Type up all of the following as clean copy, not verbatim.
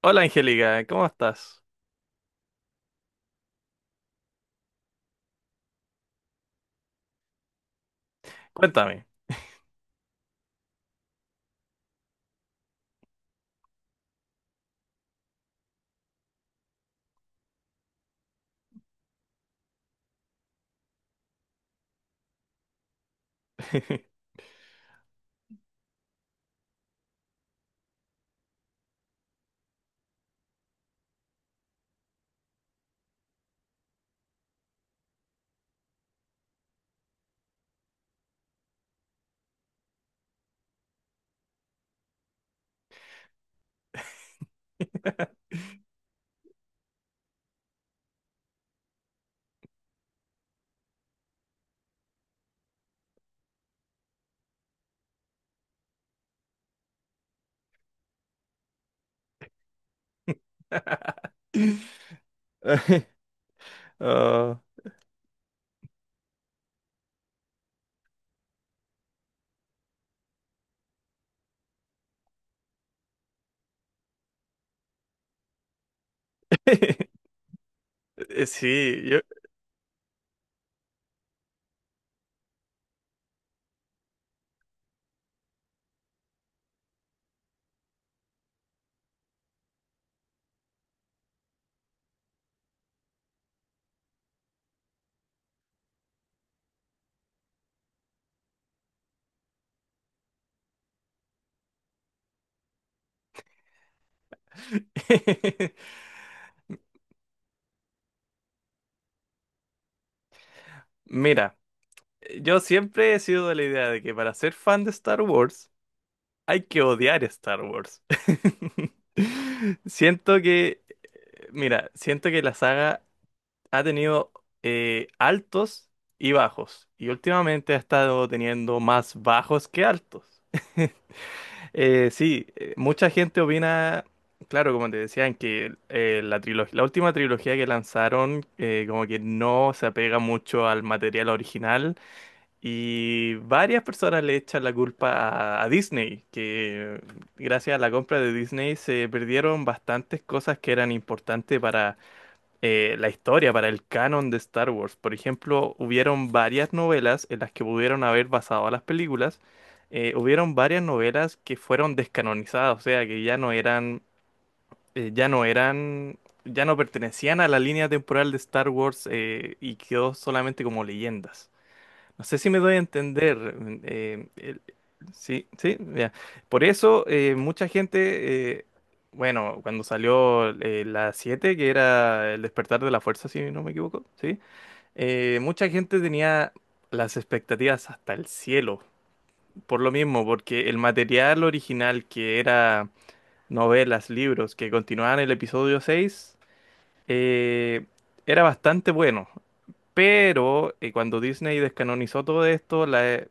Hola Angélica, ¿cómo estás? Cuéntame. Oh. Sí, yo... Mira, yo siempre he sido de la idea de que para ser fan de Star Wars hay que odiar Star Wars. Siento que, mira, siento que la saga ha tenido altos y bajos. Y últimamente ha estado teniendo más bajos que altos. Sí, mucha gente opina, claro, como te decían, que la última trilogía que lanzaron como que no se apega mucho al material original y varias personas le echan la culpa a Disney, que gracias a la compra de Disney se perdieron bastantes cosas que eran importantes la historia para el canon de Star Wars. Por ejemplo, hubieron varias novelas en las que pudieron haber basado a las películas. Eh, hubieron varias novelas que fueron descanonizadas, o sea, que eh, ya no eran, ya no pertenecían a la línea temporal de Star Wars y quedó solamente como leyendas. No sé si me doy a entender. eh, el- sí, sí, ya. Por eso mucha gente, bueno, cuando salió la 7, que era el despertar de la fuerza, si no me equivoco, sí, mucha gente tenía las expectativas hasta el cielo, por lo mismo, porque el material original, que era novelas, libros, que continuaban el episodio 6, eh, era bastante bueno. Pero cuando Disney descanonizó todo esto,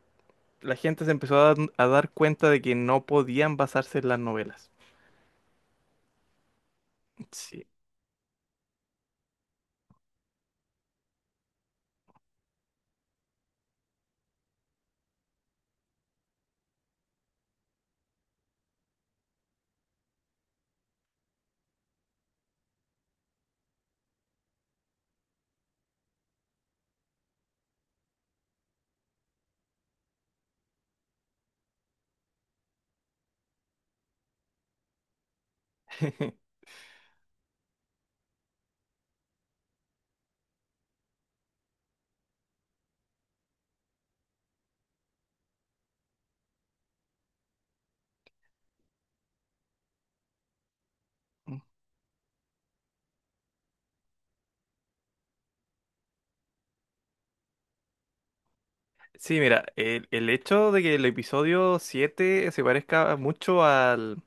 la gente se empezó a, dar cuenta de que no podían basarse en las novelas. Sí. Sí, mira, el hecho de que el episodio 7 se parezca mucho al,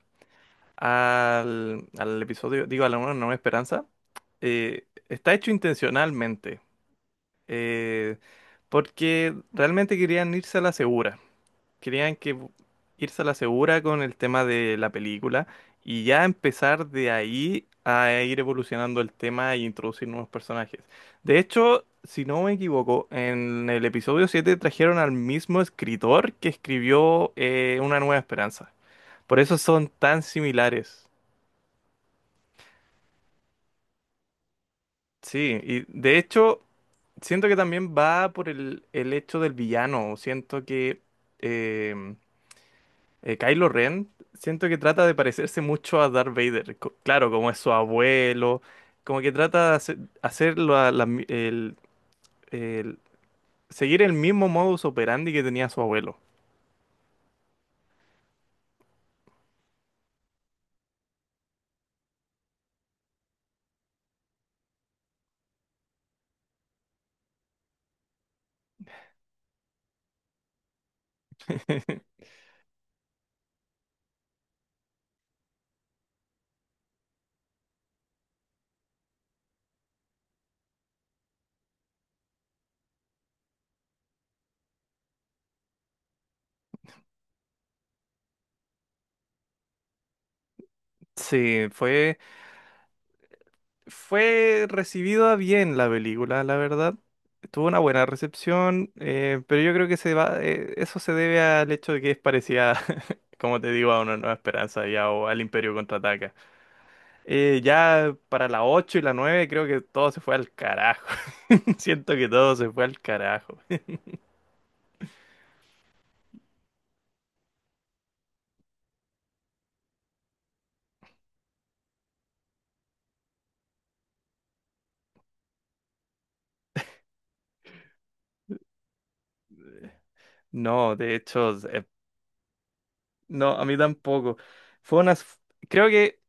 al, al episodio, digo, a la Una Nueva Esperanza, está hecho intencionalmente, eh, porque realmente querían irse a la segura. Querían que Irse a la segura con el tema de la película y ya empezar de ahí a ir evolucionando el tema e introducir nuevos personajes. De hecho, si no me equivoco, en el episodio 7 trajeron al mismo escritor que escribió, Una Nueva Esperanza. Por eso son tan similares. Sí, y de hecho, siento que también va por el hecho del villano. Siento que... em, Kylo Ren, siento que trata de parecerse mucho a Darth Vader. Claro, como es su abuelo, como que trata de hacer, hacer la- la mi- el- seguir el mismo modus operandi que tenía su abuelo. Sí, fue, Fue recibida bien la película, la verdad. Tuvo una buena recepción, pero yo creo que se va, eso se debe al hecho de que es parecida, como te digo, a Una Nueva Esperanza ya, o al Imperio Contraataca. Ya para las 8 y las 9 creo que todo se fue al carajo. Siento que todo se fue al carajo. No, de hecho, no, a mí tampoco. Fue una, Creo que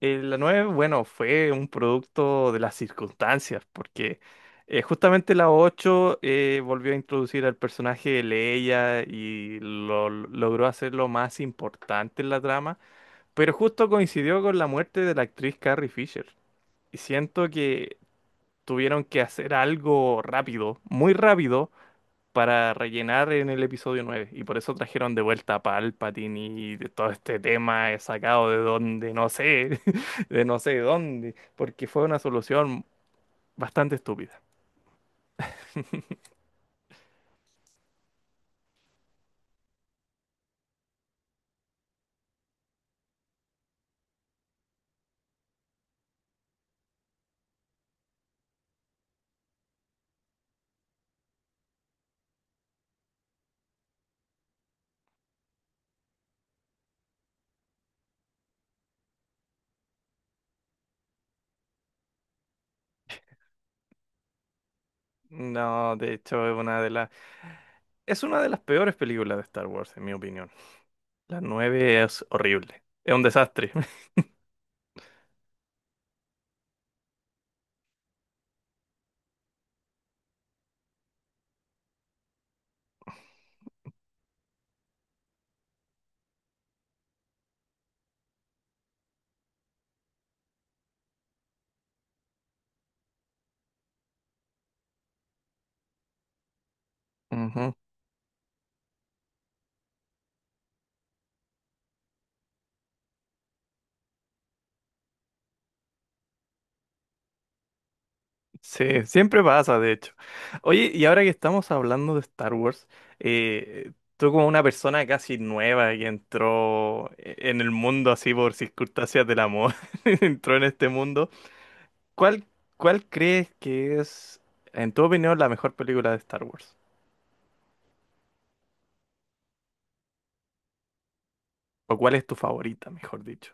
la 9, bueno, fue un producto de las circunstancias, porque justamente la 8, volvió a introducir al personaje de Leia y lo, logró hacerlo más importante en la trama, pero justo coincidió con la muerte de la actriz Carrie Fisher. Y siento que tuvieron que hacer algo rápido, muy rápido, para rellenar en el episodio 9. Y por eso trajeron de vuelta a Palpatine y de todo este tema he sacado de donde no sé, de no sé dónde, porque fue una solución bastante estúpida. No, de hecho es una de las... Es una de las peores películas de Star Wars, en mi opinión. La 9 es horrible. Es un desastre. Ujú. Sí, siempre pasa, de hecho. Oye, y ahora que estamos hablando de Star Wars, tú como una persona casi nueva que entró en el mundo así por circunstancias del amor, entró en este mundo, ¿cuál, ¿cuál crees que es, en tu opinión, la mejor película de Star Wars? ¿O cuál es tu favorita, mejor dicho?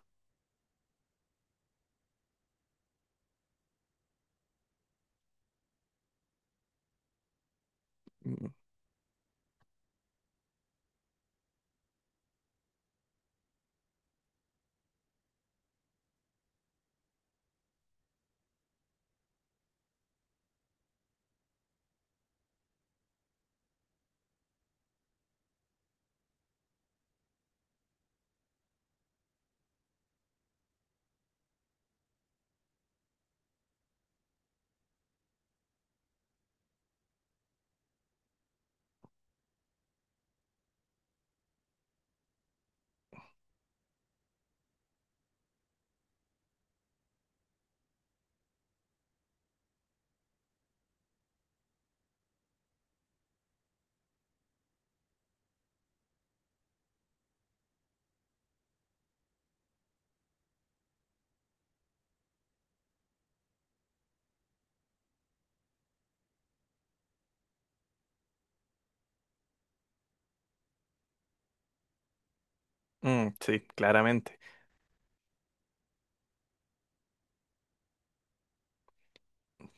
Mm, mm, sí, claramente.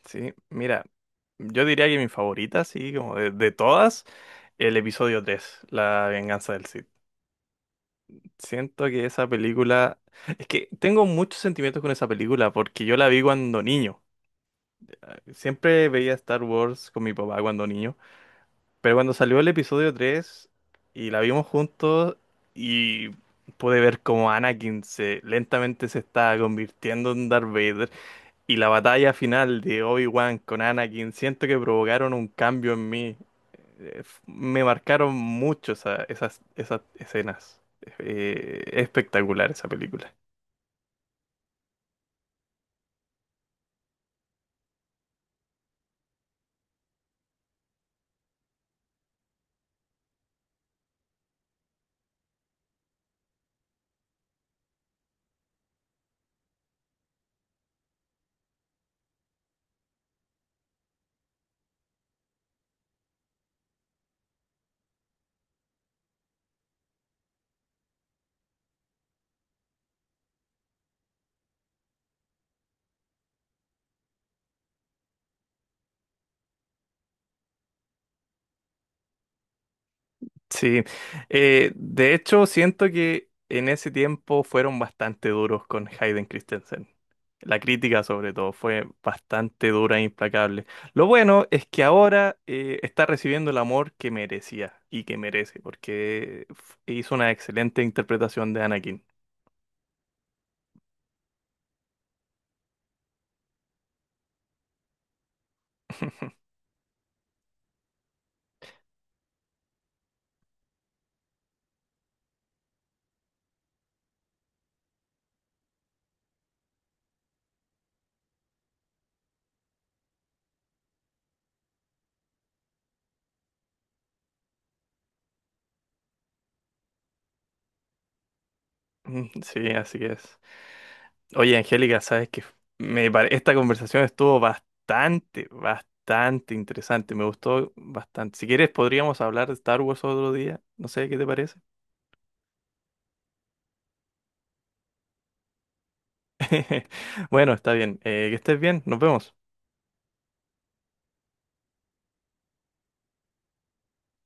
Sí, mira, yo diría que mi favorita, sí, como de todas, el episodio 3, La Venganza del Sith. Siento que esa película... Es que tengo muchos sentimientos con esa película porque yo la vi cuando niño. Ah, siempre veía Star Wars con mi papá cuando niño. Pero cuando salió el episodio 3 y la vimos juntos, y pude ver cómo Anakin se, lentamente se está convirtiendo en Darth Vader. Y la batalla final de Obi-Wan con Anakin, siento que provocaron un cambio en mí. Me marcaron mucho esas, esas escenas. Es espectacular esa película. Sí, de hecho siento que en ese tiempo fueron bastante duros con Hayden Christensen. La crítica sobre todo fue bastante dura e implacable. Lo bueno es que ahora, está recibiendo el amor que merecía y que merece, porque hizo una excelente interpretación de Anakin. Mm, sí, así es. Oye, Angélica, sabes que esta conversación estuvo bastante, bastante interesante. Me gustó bastante. Si quieres, podríamos hablar de Star Wars otro día. No sé qué te parece. Bueno, está bien. Que estés bien. Nos vemos.